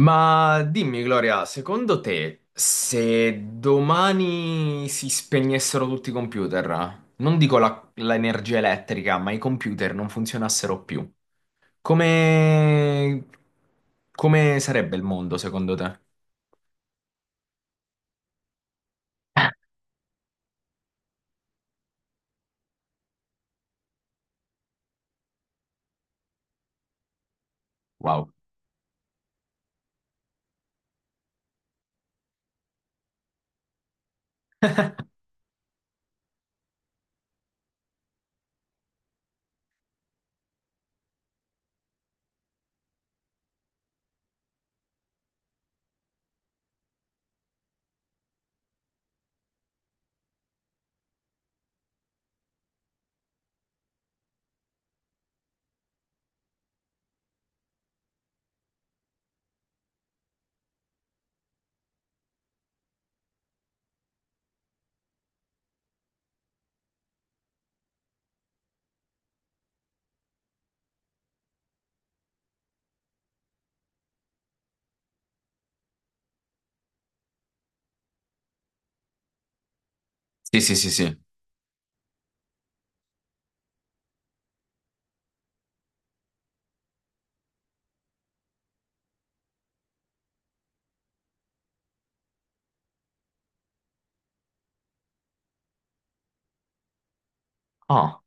Ma dimmi, Gloria, secondo te, se domani si spegnessero tutti i computer, non dico l'energia elettrica, ma i computer non funzionassero più, come... come sarebbe il mondo secondo te? Wow. Sì, sì, sì, sì. Ah,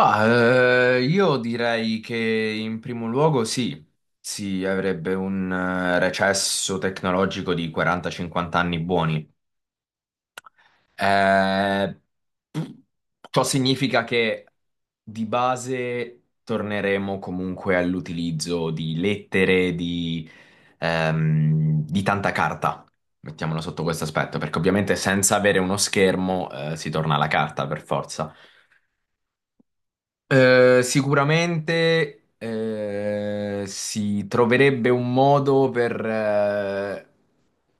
ah, io direi che in primo luogo sì, si avrebbe un recesso tecnologico di 40-50 anni buoni. Eh, ciò significa che di base torneremo comunque all'utilizzo di lettere, di tanta carta. Mettiamola sotto questo aspetto, perché ovviamente senza avere uno schermo, si torna alla carta per forza. Sicuramente si troverebbe un modo per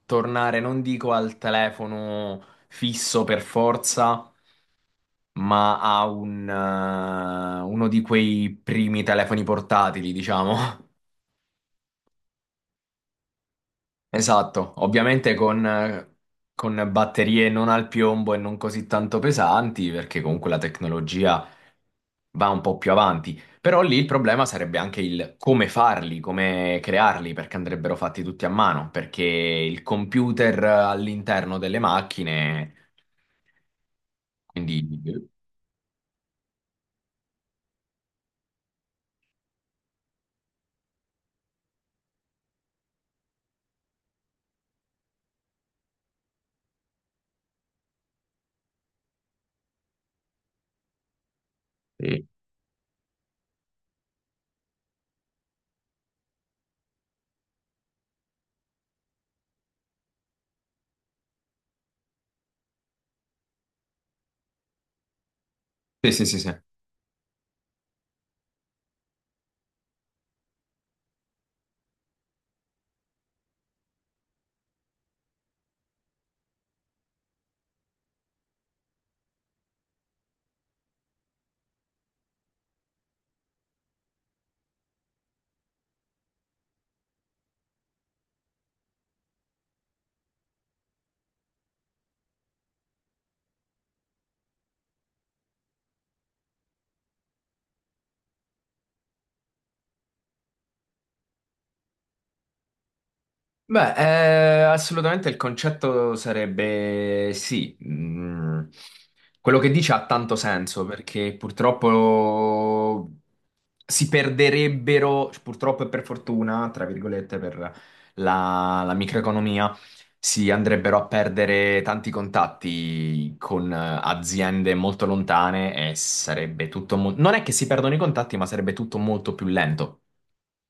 tornare, non dico al telefono fisso per forza, ma ha uno di quei primi telefoni portatili, diciamo. Esatto, ovviamente con batterie non al piombo e non così tanto pesanti, perché comunque la tecnologia va un po' più avanti. Però lì il problema sarebbe anche il come farli, come crearli, perché andrebbero fatti tutti a mano, perché il computer all'interno delle macchine, quindi... Sì, sì, sì, sì. Beh, assolutamente il concetto sarebbe sì. Quello che dice ha tanto senso, perché purtroppo si perderebbero, cioè, purtroppo e per fortuna, tra virgolette, per la microeconomia, si andrebbero a perdere tanti contatti con aziende molto lontane e sarebbe tutto non è che si perdono i contatti, ma sarebbe tutto molto più lento.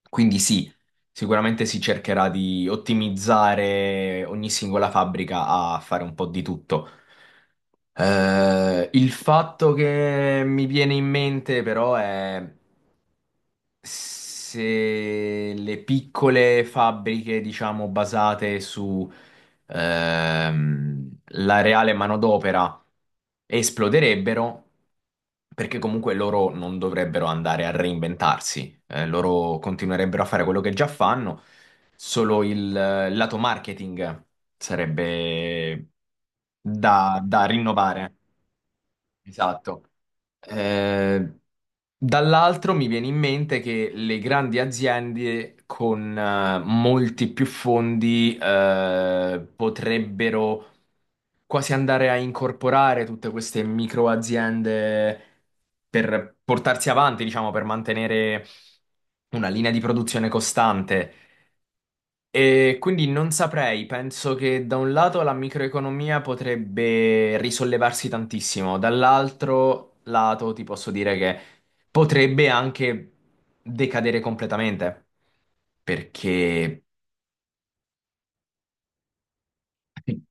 Quindi sì. Sicuramente si cercherà di ottimizzare ogni singola fabbrica a fare un po' di tutto. Il fatto che mi viene in mente però è se le piccole fabbriche, diciamo, basate su ehm, la reale manodopera esploderebbero, perché comunque loro non dovrebbero andare a reinventarsi, loro continuerebbero a fare quello che già fanno, solo il lato marketing sarebbe da rinnovare. Esatto. Eh, dall'altro mi viene in mente che le grandi aziende con molti più fondi potrebbero quasi andare a incorporare tutte queste micro aziende per portarsi avanti, diciamo, per mantenere una linea di produzione costante. E quindi non saprei, penso che da un lato la microeconomia potrebbe risollevarsi tantissimo, dall'altro lato ti posso dire che potrebbe anche decadere completamente, perché...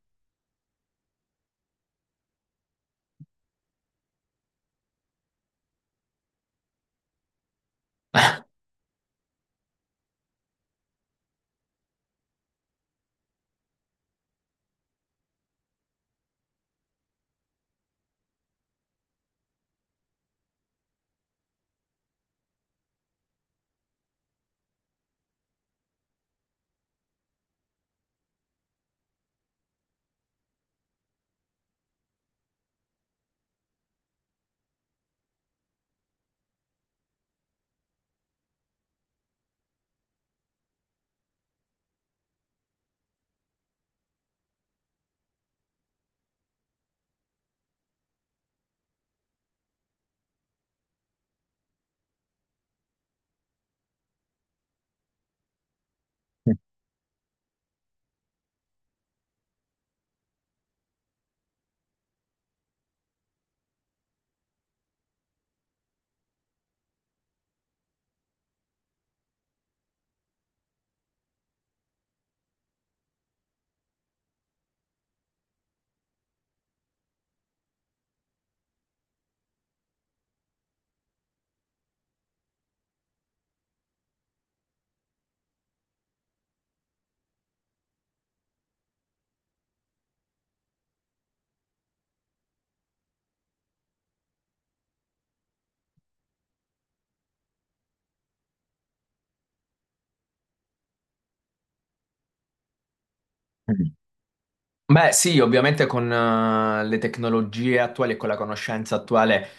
Beh, sì, ovviamente con le tecnologie attuali e con la conoscenza attuale,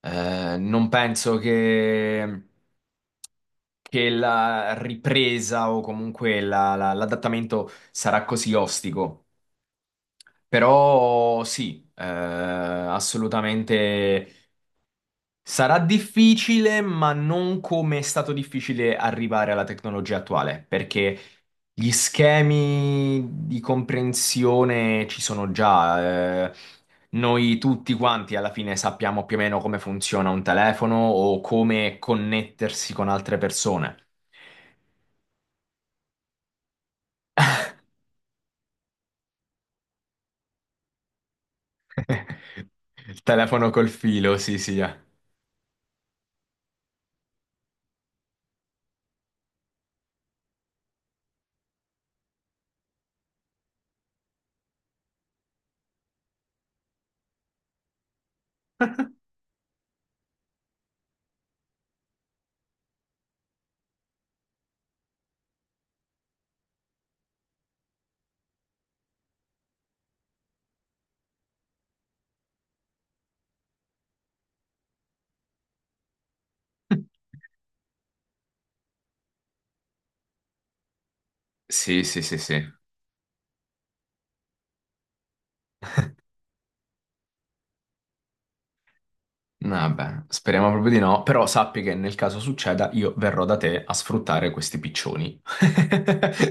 non penso che la ripresa o comunque l'adattamento sarà così ostico. Però sì, assolutamente sarà difficile, ma non come è stato difficile arrivare alla tecnologia attuale, perché gli schemi di comprensione ci sono già. Noi tutti quanti alla fine sappiamo più o meno come funziona un telefono o come connettersi con altre persone. Il telefono col filo, sì, sì. Sì, sì, sì, sì. Vabbè, speriamo proprio di no, però sappi che nel caso succeda io verrò da te a sfruttare questi piccioni.